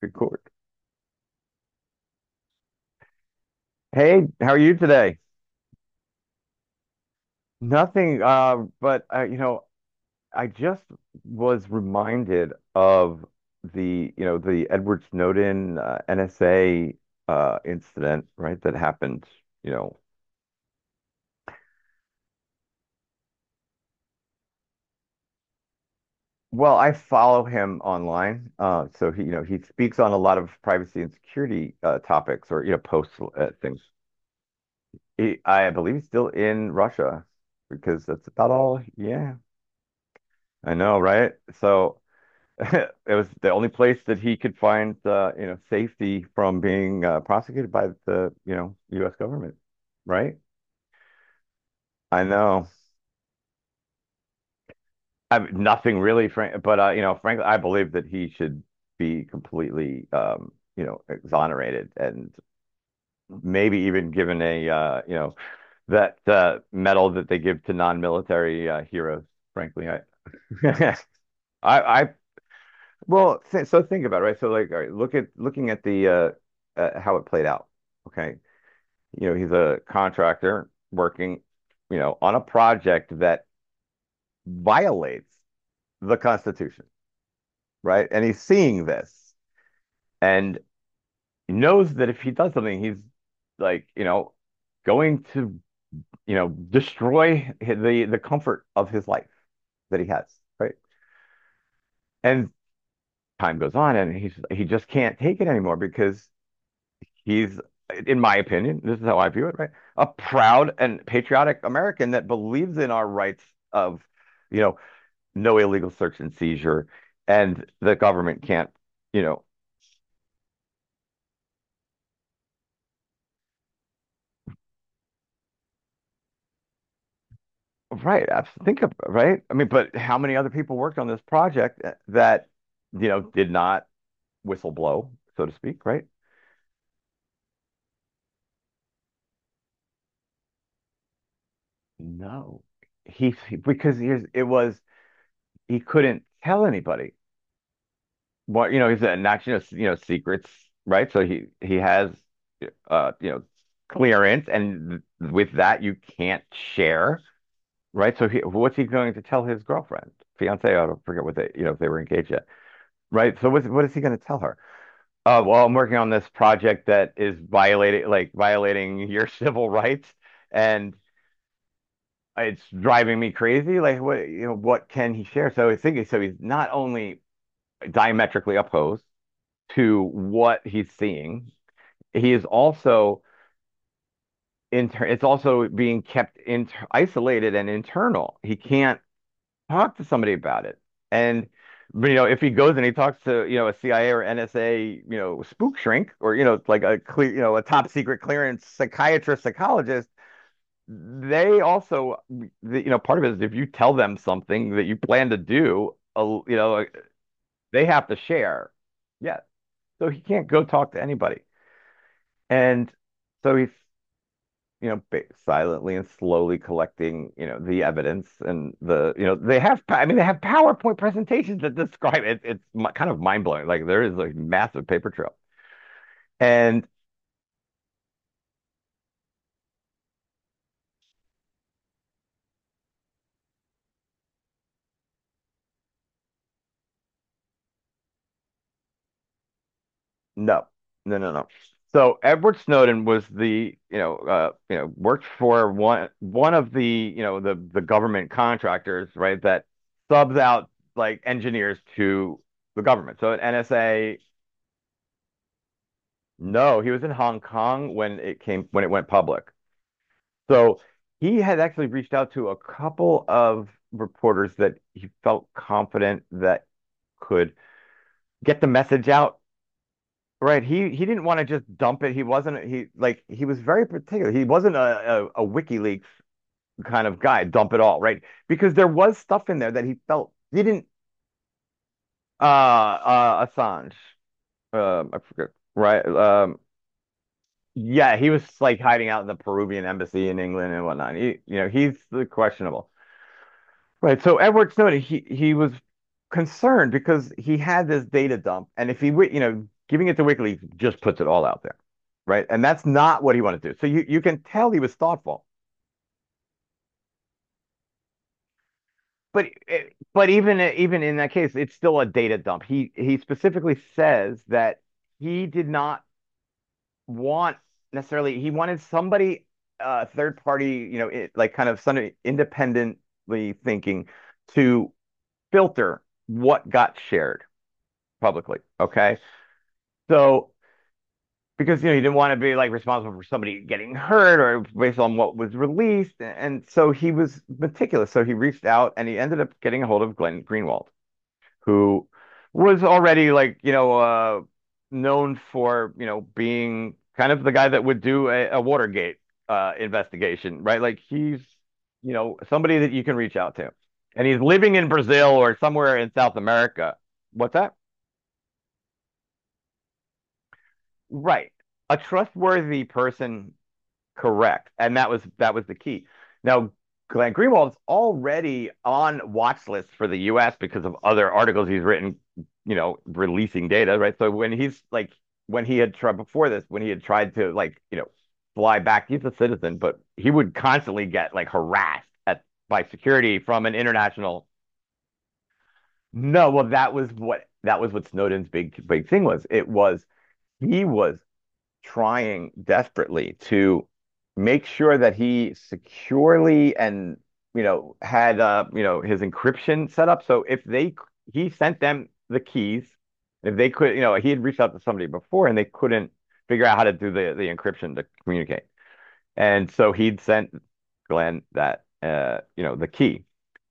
Record. Hey, how are you today? Nothing, but you know, I just was reminded of the Edward Snowden NSA incident, right? That happened, you know. Well, I follow him online, so he, you know, he speaks on a lot of privacy and security topics, or you know, posts things. He, I believe he's still in Russia because that's about all. Yeah, I know, right? So, it was the only place that he could find you know safety from being prosecuted by the you know U.S. government, right? I know. I mean, nothing really, Frank, but you know, frankly, I believe that he should be completely you know exonerated and maybe even given a you know that medal that they give to non-military heroes. Frankly, I I well, th so think about it, right? So like, all right, looking at the how it played out. Okay, you know, he's a contractor working, you know, on a project that violates the Constitution, right? And he's seeing this and knows that if he does something, he's like, you know, going to, you know, destroy the comfort of his life that he has, right? And time goes on, and he just can't take it anymore because he's, in my opinion, this is how I view it, right? A proud and patriotic American that believes in our rights of, you know, no illegal search and seizure, and the government can't, you know, right? Think of right. I mean, but how many other people worked on this project that, you know, did not whistle blow, so to speak, right? No, because here's it was he couldn't tell anybody what you know. He's a national, you know, secrets, right? So he has, you know, clearance, and with that you can't share right? So he, what's he going to tell his girlfriend, fiance? I don't forget what they, you know, if they were engaged yet, right? So what is he going to tell her? Well, I'm working on this project that is violating, violating your civil rights, and it's driving me crazy. Like, what, you know, what can he share? So I think so. He's not only diametrically opposed to what he's seeing, he is also it's also being kept isolated and internal. He can't talk to somebody about it. And but, you know, if he goes and he talks to, you know, a CIA or NSA, you know, spook shrink or, you know, like you know, a top secret clearance psychiatrist, psychologist, they also, the, you know, part of it is if you tell them something that you plan to do, you know, like, they have to share. Yeah. So he can't go talk to anybody. And so he's you know, silently and slowly collecting, you know, the evidence and the, you know, I mean, they have PowerPoint presentations that describe it. Kind of mind blowing. Like there is a massive paper trail. And no, no. So Edward Snowden was the, you know, worked for one of the, you know, the government contractors, right, that subs out like engineers to the government. So at NSA, no, he was in Hong Kong when it went public. So he had actually reached out to a couple of reporters that he felt confident that could get the message out. Right. He didn't want to just dump it. He was very particular. He wasn't a WikiLeaks kind of guy, dump it all, right? Because there was stuff in there that he felt didn't Assange. I forget. Right. Yeah, he was like hiding out in the Peruvian embassy in England and whatnot. He, you know, he's questionable. Right. So Edward Snowden, he was concerned because he had this data dump, and if he, wi- you know, giving it to WikiLeaks just puts it all out there, right? And that's not what he wanted to do. So you can tell he was thoughtful, but but even in that case, it's still a data dump. He specifically says that he did not want necessarily. He wanted somebody, third party, you know, like kind of somebody independently thinking to filter what got shared publicly. Okay. So because you know he didn't want to be like responsible for somebody getting hurt or based on what was released, and so he was meticulous. So he reached out and he ended up getting a hold of Glenn Greenwald, who was already like you know known for you know being kind of the guy that would do a Watergate investigation, right? Like he's you know somebody that you can reach out to, and he's living in Brazil or somewhere in South America. What's that? Right. A trustworthy person, correct. And that was the key. Now, Glenn Greenwald's already on watch lists for the US because of other articles he's written, you know, releasing data, right? So when he had tried before this, when he had tried to like, you know, fly back, he's a citizen, but he would constantly get like harassed at by security from an international. No, well, that was what Snowden's big thing was. It was he was trying desperately to make sure that he securely and you know had you know his encryption set up. So if they he sent them the keys, if they could, you know, he had reached out to somebody before and they couldn't figure out how to do the encryption to communicate. And so he'd sent Glenn that you know the key.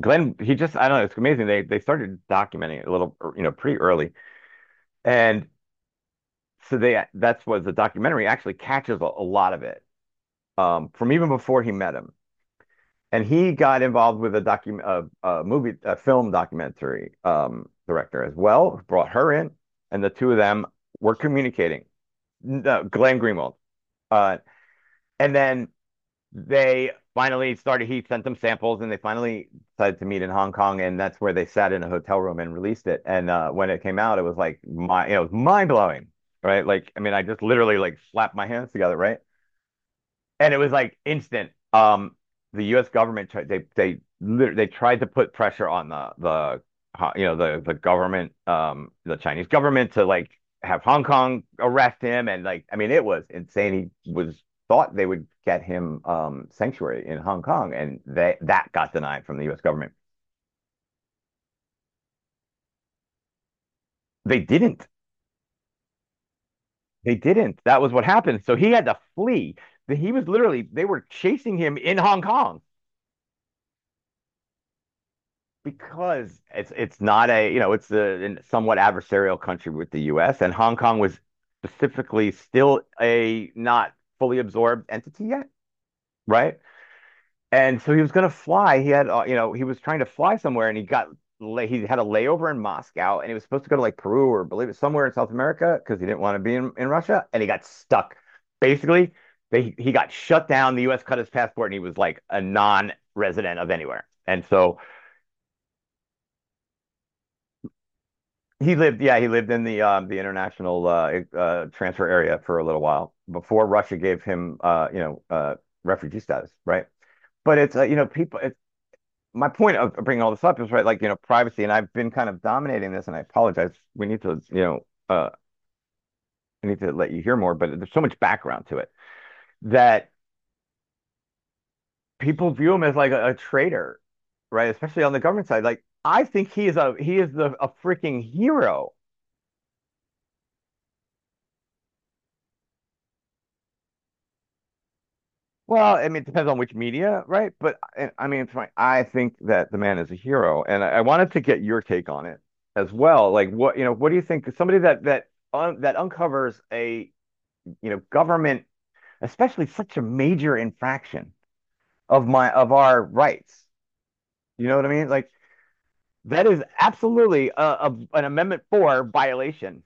Glenn, he just I don't know, it's amazing. They started documenting it a little, you know, pretty early. And so they that's what the documentary actually catches a lot of it from even before he met him. And he got involved with a movie, a film documentary director as well. Brought her in, and the two of them were communicating. No, Glenn Greenwald, uh, and then they finally started. He sent them samples, and they finally decided to meet in Hong Kong, and that's where they sat in a hotel room and released it. And when it came out, it was like you know, it was mind blowing, right? Like, I mean, I just literally like slapped my hands together, right? And it was like instant. The U.S. government tried they tried to put pressure on the you know the government the Chinese government to like have Hong Kong arrest him and like I mean it was insane. He was thought they would get him sanctuary in Hong Kong and they that got denied from the U.S. government. They didn't. They didn't. That was what happened. So he had to flee. He was literally they were chasing him in Hong Kong. Because it's not a you know it's a somewhat adversarial country with the U.S. and Hong Kong was specifically still a not fully absorbed entity yet, right? And so he was going to fly. He had you know he was trying to fly somewhere and he got he had a layover in Moscow and he was supposed to go to like Peru or believe it somewhere in South America because he didn't want to be in Russia and he got stuck. Basically, they he got shut down. The U.S. cut his passport and he was like a non-resident of anywhere. And so he lived, yeah, he lived in the international transfer area for a little while before Russia gave him, you know, refugee status, right? But it's, you know, people. It's, my point of bringing all this up is right, like you know, privacy, and I've been kind of dominating this, and I apologize. We need to, you know, I need to let you hear more, but there's so much background to it that people view him as like a traitor, right? Especially on the government side. Like I think he is the a freaking hero. Well, I mean, it depends on which media, right? But I mean, it's my, I think that the man is a hero, and I wanted to get your take on it as well. Like, what you know, what do you think? Somebody that that uncovers a you know government, especially such a major infraction of my of our rights. You know what I mean? Like that is absolutely a an Amendment Four violation.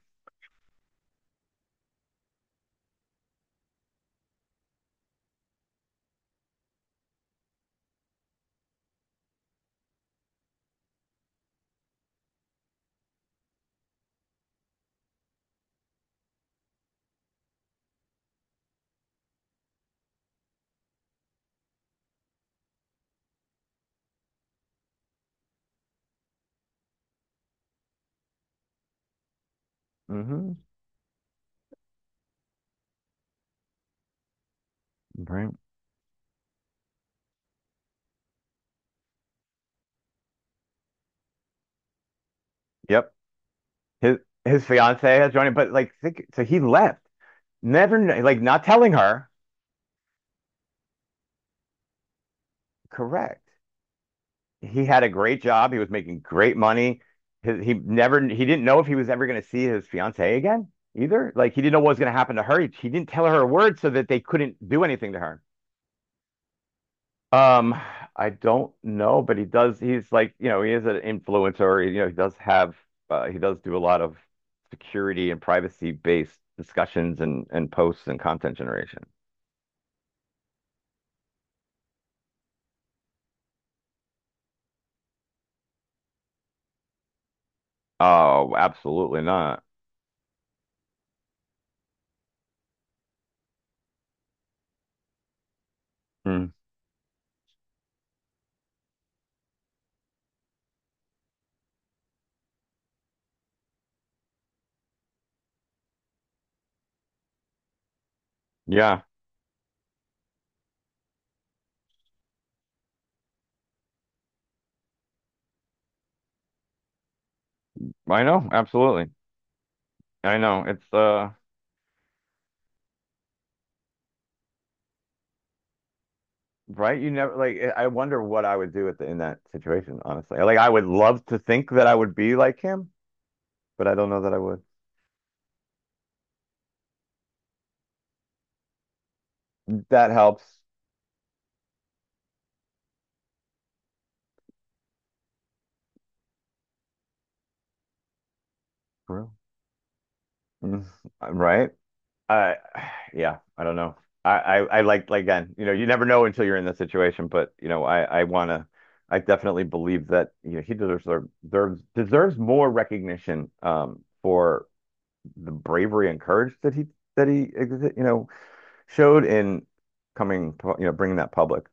Mm hmm Right. Yep. His his fiance has joined him, but like, think, so he left, never kn- like not telling her. Correct. He had a great job. He was making great money. His, he didn't know if he was ever going to see his fiancee again either. Like he didn't know what was going to happen to her. He didn't tell her a word so that they couldn't do anything to her. Um, I don't know, but he does. He's like you know he is an influencer. You know he does have he does do a lot of security and privacy based discussions and posts and content generation. Oh, absolutely not. Mm, yeah, I know. Absolutely, I know. It's uh. Right? You never like I wonder what I would do at the, in that situation, honestly. Like I would love to think that I would be like him, but I don't know that I would. That helps. True. Mm. Right? I yeah, I don't know. I like again, you know, you never know until you're in the situation, but you know, I wanna I definitely believe that you know he deserves deserves more recognition for the bravery and courage that he you know showed in coming you know bringing that public.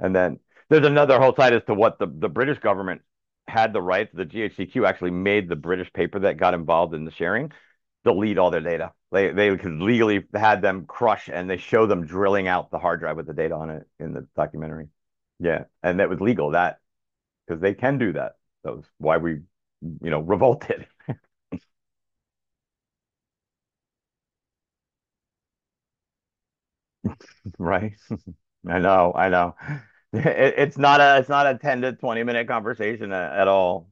And then there's another whole side as to what the British government had the rights. The GHQ actually made the British paper that got involved in the sharing delete all their data. They could legally had them crush and they show them drilling out the hard drive with the data on it in the documentary. Yeah, and that was legal that because they can do that. That was why we, you know, revolted, right? I know, I know. It's not a 10 to 20 minute conversation at all.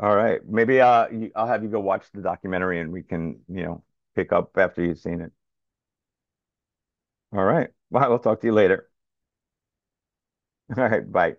All right. Maybe I'll have you go watch the documentary and we can, you know, pick up after you've seen it. All right. Well, I'll talk to you later. All right. Bye.